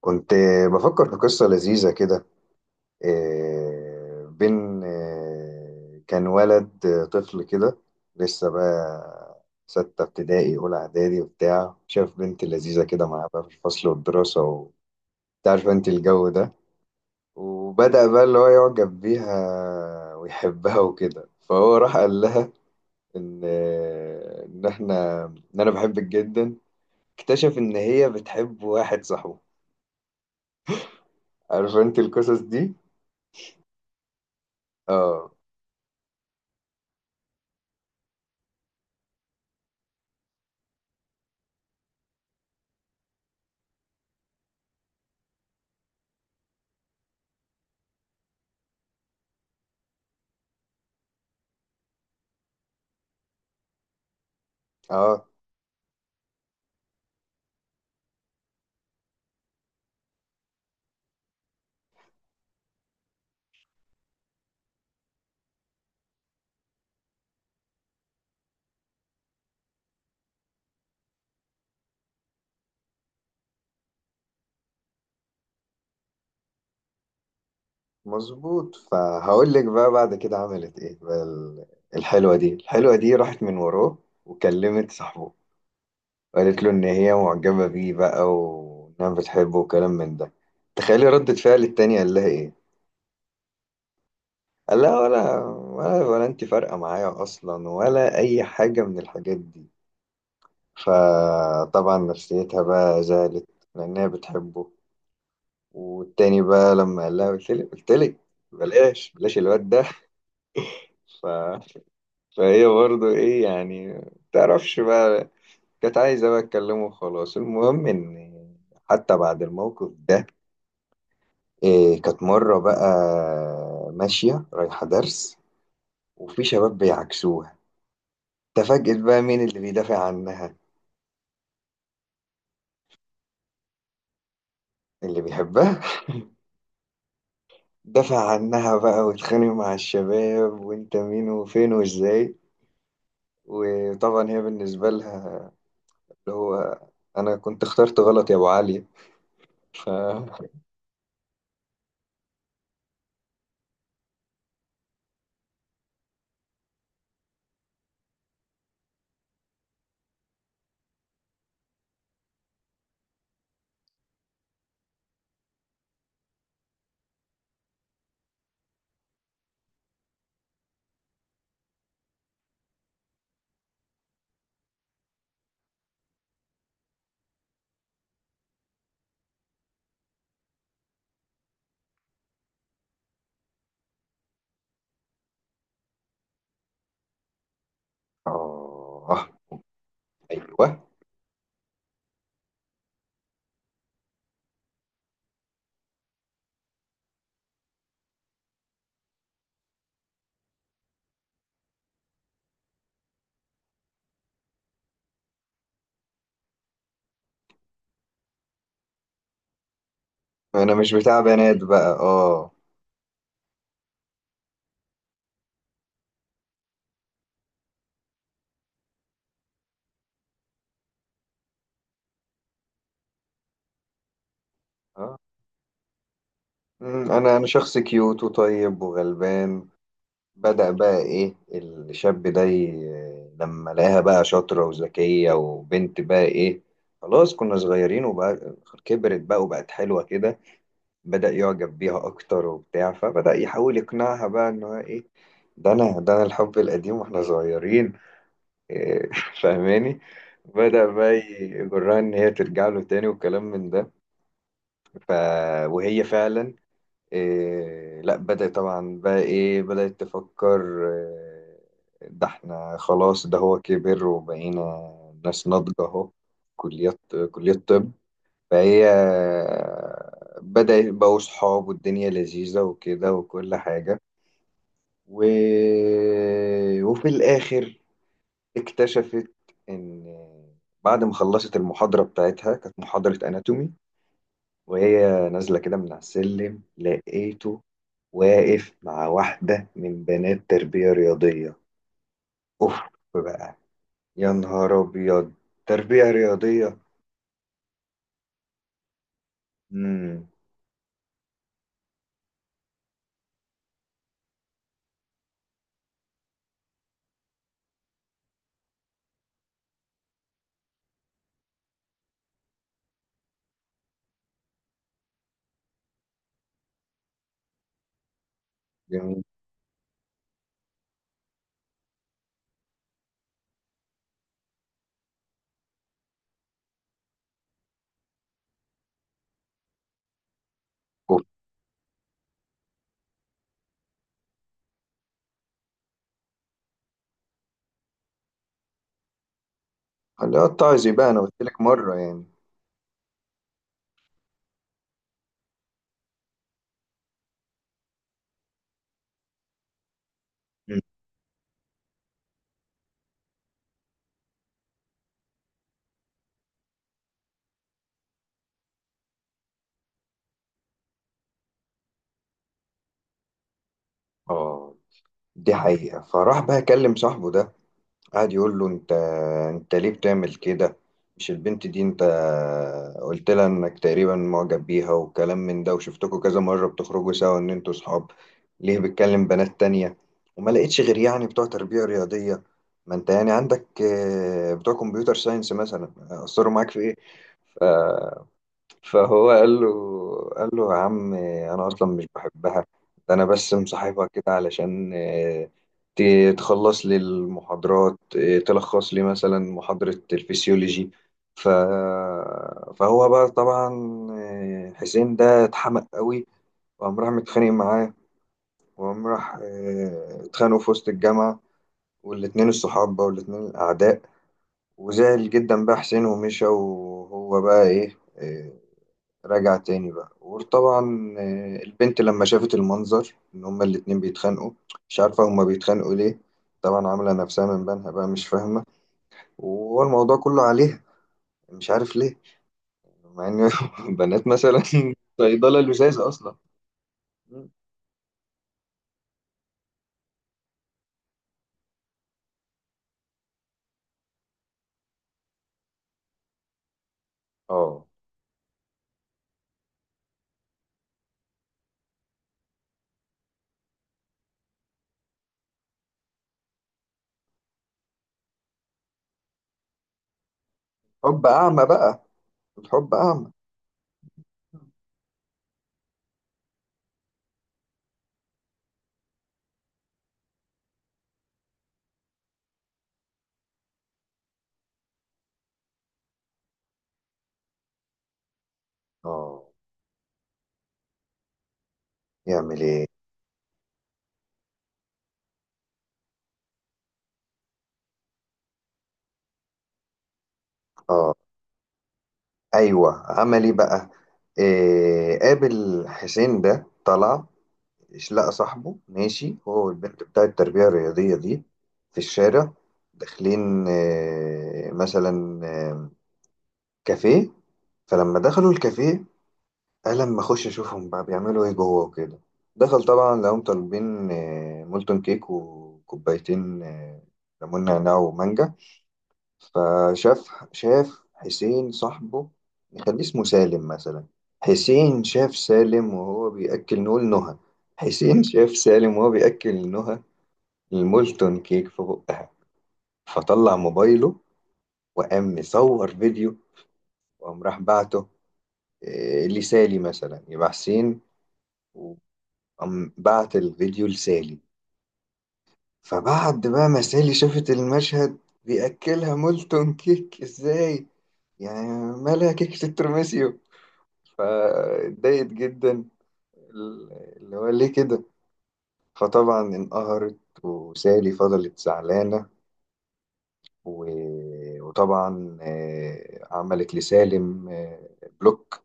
كنت بفكر في قصة لذيذة كده. إيه، بين إيه، كان ولد طفل كده. لسه بقى ستة ابتدائي، أولى إعدادي وبتاع، شاف بنت لذيذة كده معاه بقى في الفصل والدراسة، وتعرف أنت الجو ده. وبدأ بقى اللي هو يعجب بيها ويحبها وكده، فهو راح قال لها: إن آه، إن إحنا إن أنا بحبك جدا. اكتشف إن هي بتحب واحد صاحبه. عارف أنت القصص دي؟ آه. اه. مظبوط، فهقول لك بقى بعد كده عملت ايه بقى الحلوة دي راحت من وراه وكلمت صاحبه، قالت له ان هي معجبة بيه بقى وانها بتحبه وكلام من ده. تخيلي ردة فعل التاني، قال لها ايه؟ قال لها: ولا ولا ولا انت فارقة معايا اصلا ولا اي حاجة من الحاجات دي. فطبعا نفسيتها بقى زعلت، لانها بتحبه. والتاني بقى لما قال لها، قلت لك قلت لك بلاش بلاش الواد ده. فهي برضو ايه يعني، تعرفش بقى، كانت عايزة بقى اتكلمه وخلاص. المهم ان حتى بعد الموقف ده، كانت مرة بقى ماشية رايحة درس، وفي شباب بيعكسوها. تفاجئت بقى مين اللي بيدافع عنها؟ اللي بيحبها. دافع عنها بقى واتخانق مع الشباب، وانت مين وفين وازاي. وطبعا هي بالنسبة لها اللي هو انا كنت اخترت غلط يا ابو علي. ف آه، ايوه، انا مش بتاع بنات بقى اه. آه. انا شخص كيوت وطيب وغلبان. بدأ بقى ايه الشاب ده لما لقاها بقى شاطرة وذكية وبنت بقى ايه، خلاص كنا صغيرين، وبقى كبرت بقى وبقت حلوة كده، بدأ يعجب بيها اكتر وبتاع. فبدأ يحاول يقنعها بقى ان هو ايه، ده انا الحب القديم واحنا صغيرين. إيه، فاهماني. بدأ بقى يجرها ان هي ترجع له تاني والكلام من ده. ف... وهي فعلا لا، بدأت طبعا بقى بدأت تفكر: ده احنا خلاص، ده هو كبر وبقينا ناس ناضجة اهو، كليات، كلية طب. فهي بدأت بقوا صحاب والدنيا لذيذة وكده وكل حاجة. و... وفي الآخر اكتشفت إن بعد ما خلصت المحاضرة بتاعتها، كانت محاضرة أناتومي، وهي نازلة كده من على السلم، لقيته واقف مع واحدة من بنات تربية رياضية. أوف بقى، يا نهار أبيض، تربية رياضية. مم. جميل. أوف. اللي هو الطعزي بقى، أنا قلت لك مرة يعني. مم. آه، دي حقيقة. فراح بقى أكلم صاحبه ده، قعد يقول له: انت ليه بتعمل كده؟ مش البنت دي انت قلت لها انك تقريبا معجب بيها وكلام من ده، وشفتكوا كذا مرة بتخرجوا سوا ان انتوا صحاب؟ ليه بتكلم بنات تانية؟ وما لقيتش غير يعني بتوع تربية رياضية؟ ما انت يعني عندك بتوع كمبيوتر ساينس مثلا، اثروا معاك في ايه؟ فهو قال له: يا عم انا اصلا مش بحبها، ده انا بس مصاحبها كده علشان آه، ت- تخلص لي المحاضرات آه، تلخص لي مثلا محاضرة الفسيولوجي. ف... فهو بقى طبعا حسين ده اتحمق قوي، وقام راح متخانق معاه، وقام راح اتخانقوا في وسط الجامعة، والاتنين الصحاب بقى والاتنين الأعداء. وزعل جدا بقى حسين ومشى، وهو بقى إيه آه، رجع تاني بقى. وطبعا البنت لما شافت المنظر ان هما الاتنين بيتخانقوا، مش عارفة هما بيتخانقوا ليه، طبعا عاملة نفسها من بينها بقى مش فاهمة، وهو الموضوع كله عليها مش عارف ليه، مع ان بنات مثلا صيدلة لزاز اصلا. اه، حب اعمى بقى، الحب اعمى. اه. يعمل ايه؟ اه. ايوه، عمل ايه بقى؟ قابل حسين ده طلع، إيش، لقى صاحبه ماشي هو والبنت بتاع التربية الرياضية دي في الشارع، داخلين مثلا كافيه. فلما دخلوا الكافيه، قال لما اخش اشوفهم بقى بيعملوا ايه جوه وكده. دخل طبعا، لقاهم طالبين مولتون كيك وكوبايتين ليمون نعناع ومانجا. فشاف حسين صاحبه، نخليه اسمه سالم مثلا. حسين شاف سالم وهو بيأكل، نقول نهى، حسين شاف سالم وهو بيأكل نهى المولتون كيك في بقها. فطلع موبايله وقام مصور فيديو، وقام راح بعته لسالي مثلا، يبقى حسين وقام بعت الفيديو لسالي. فبعد بقى ما سالي شافت المشهد، بيأكلها مولتون كيك ازاي يعني، مالها كيكة الترمسيو؟ فاتضايقت جدا، اللي هو ليه كده. فطبعا انقهرت، وسالي فضلت زعلانة، وطبعا عملت لسالم بلوك،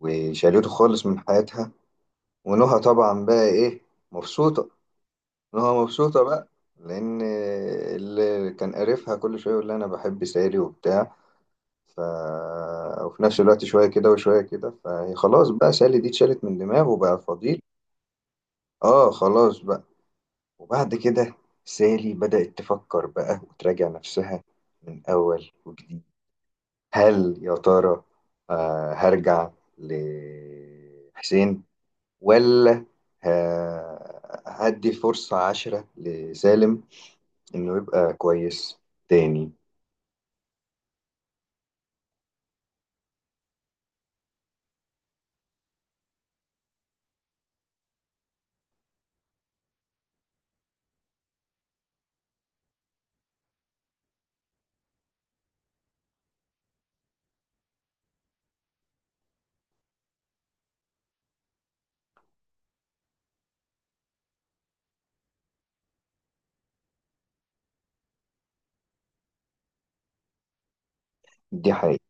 وشالته خالص من حياتها. ونهى طبعا بقى ايه، مبسوطة، نهى مبسوطة بقى، لأن اللي كان قرفها كل شوية يقول لها أنا بحب سالي وبتاع. ف... وفي نفس الوقت شوية كده وشوية كده، فهي خلاص بقى سالي دي اتشالت من دماغه، وبقى فضيل. اه، خلاص بقى. وبعد كده سالي بدأت تفكر بقى وتراجع نفسها من أول وجديد: هل يا ترى هرجع لحسين، ولا هدي فرصة عشرة لسالم إنه يبقى كويس تاني؟ دي حقيقة.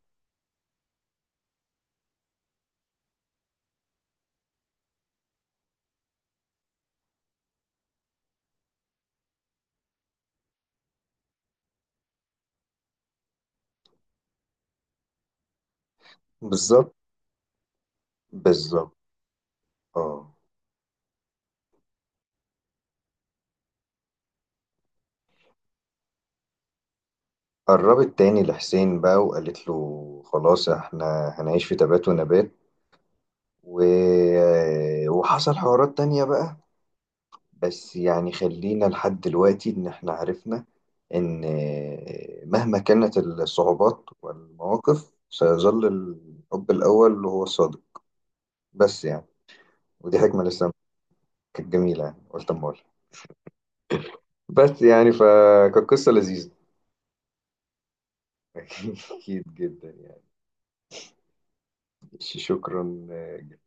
بالظبط. بالظبط. اه. قربت تاني لحسين بقى، وقالت له خلاص احنا هنعيش في تبات ونبات. و... آه، وحصل حوارات تانية بقى، بس يعني خلينا لحد دلوقتي، إن إحنا عرفنا إن مهما كانت الصعوبات والمواقف، سيظل الحب الأول هو الصادق. بس يعني، ودي حكمة لسه كانت جميلة يعني، قلت أما أقولها. بس يعني، فكانت قصة لذيذة. أكيد جدا يعني. شكرا.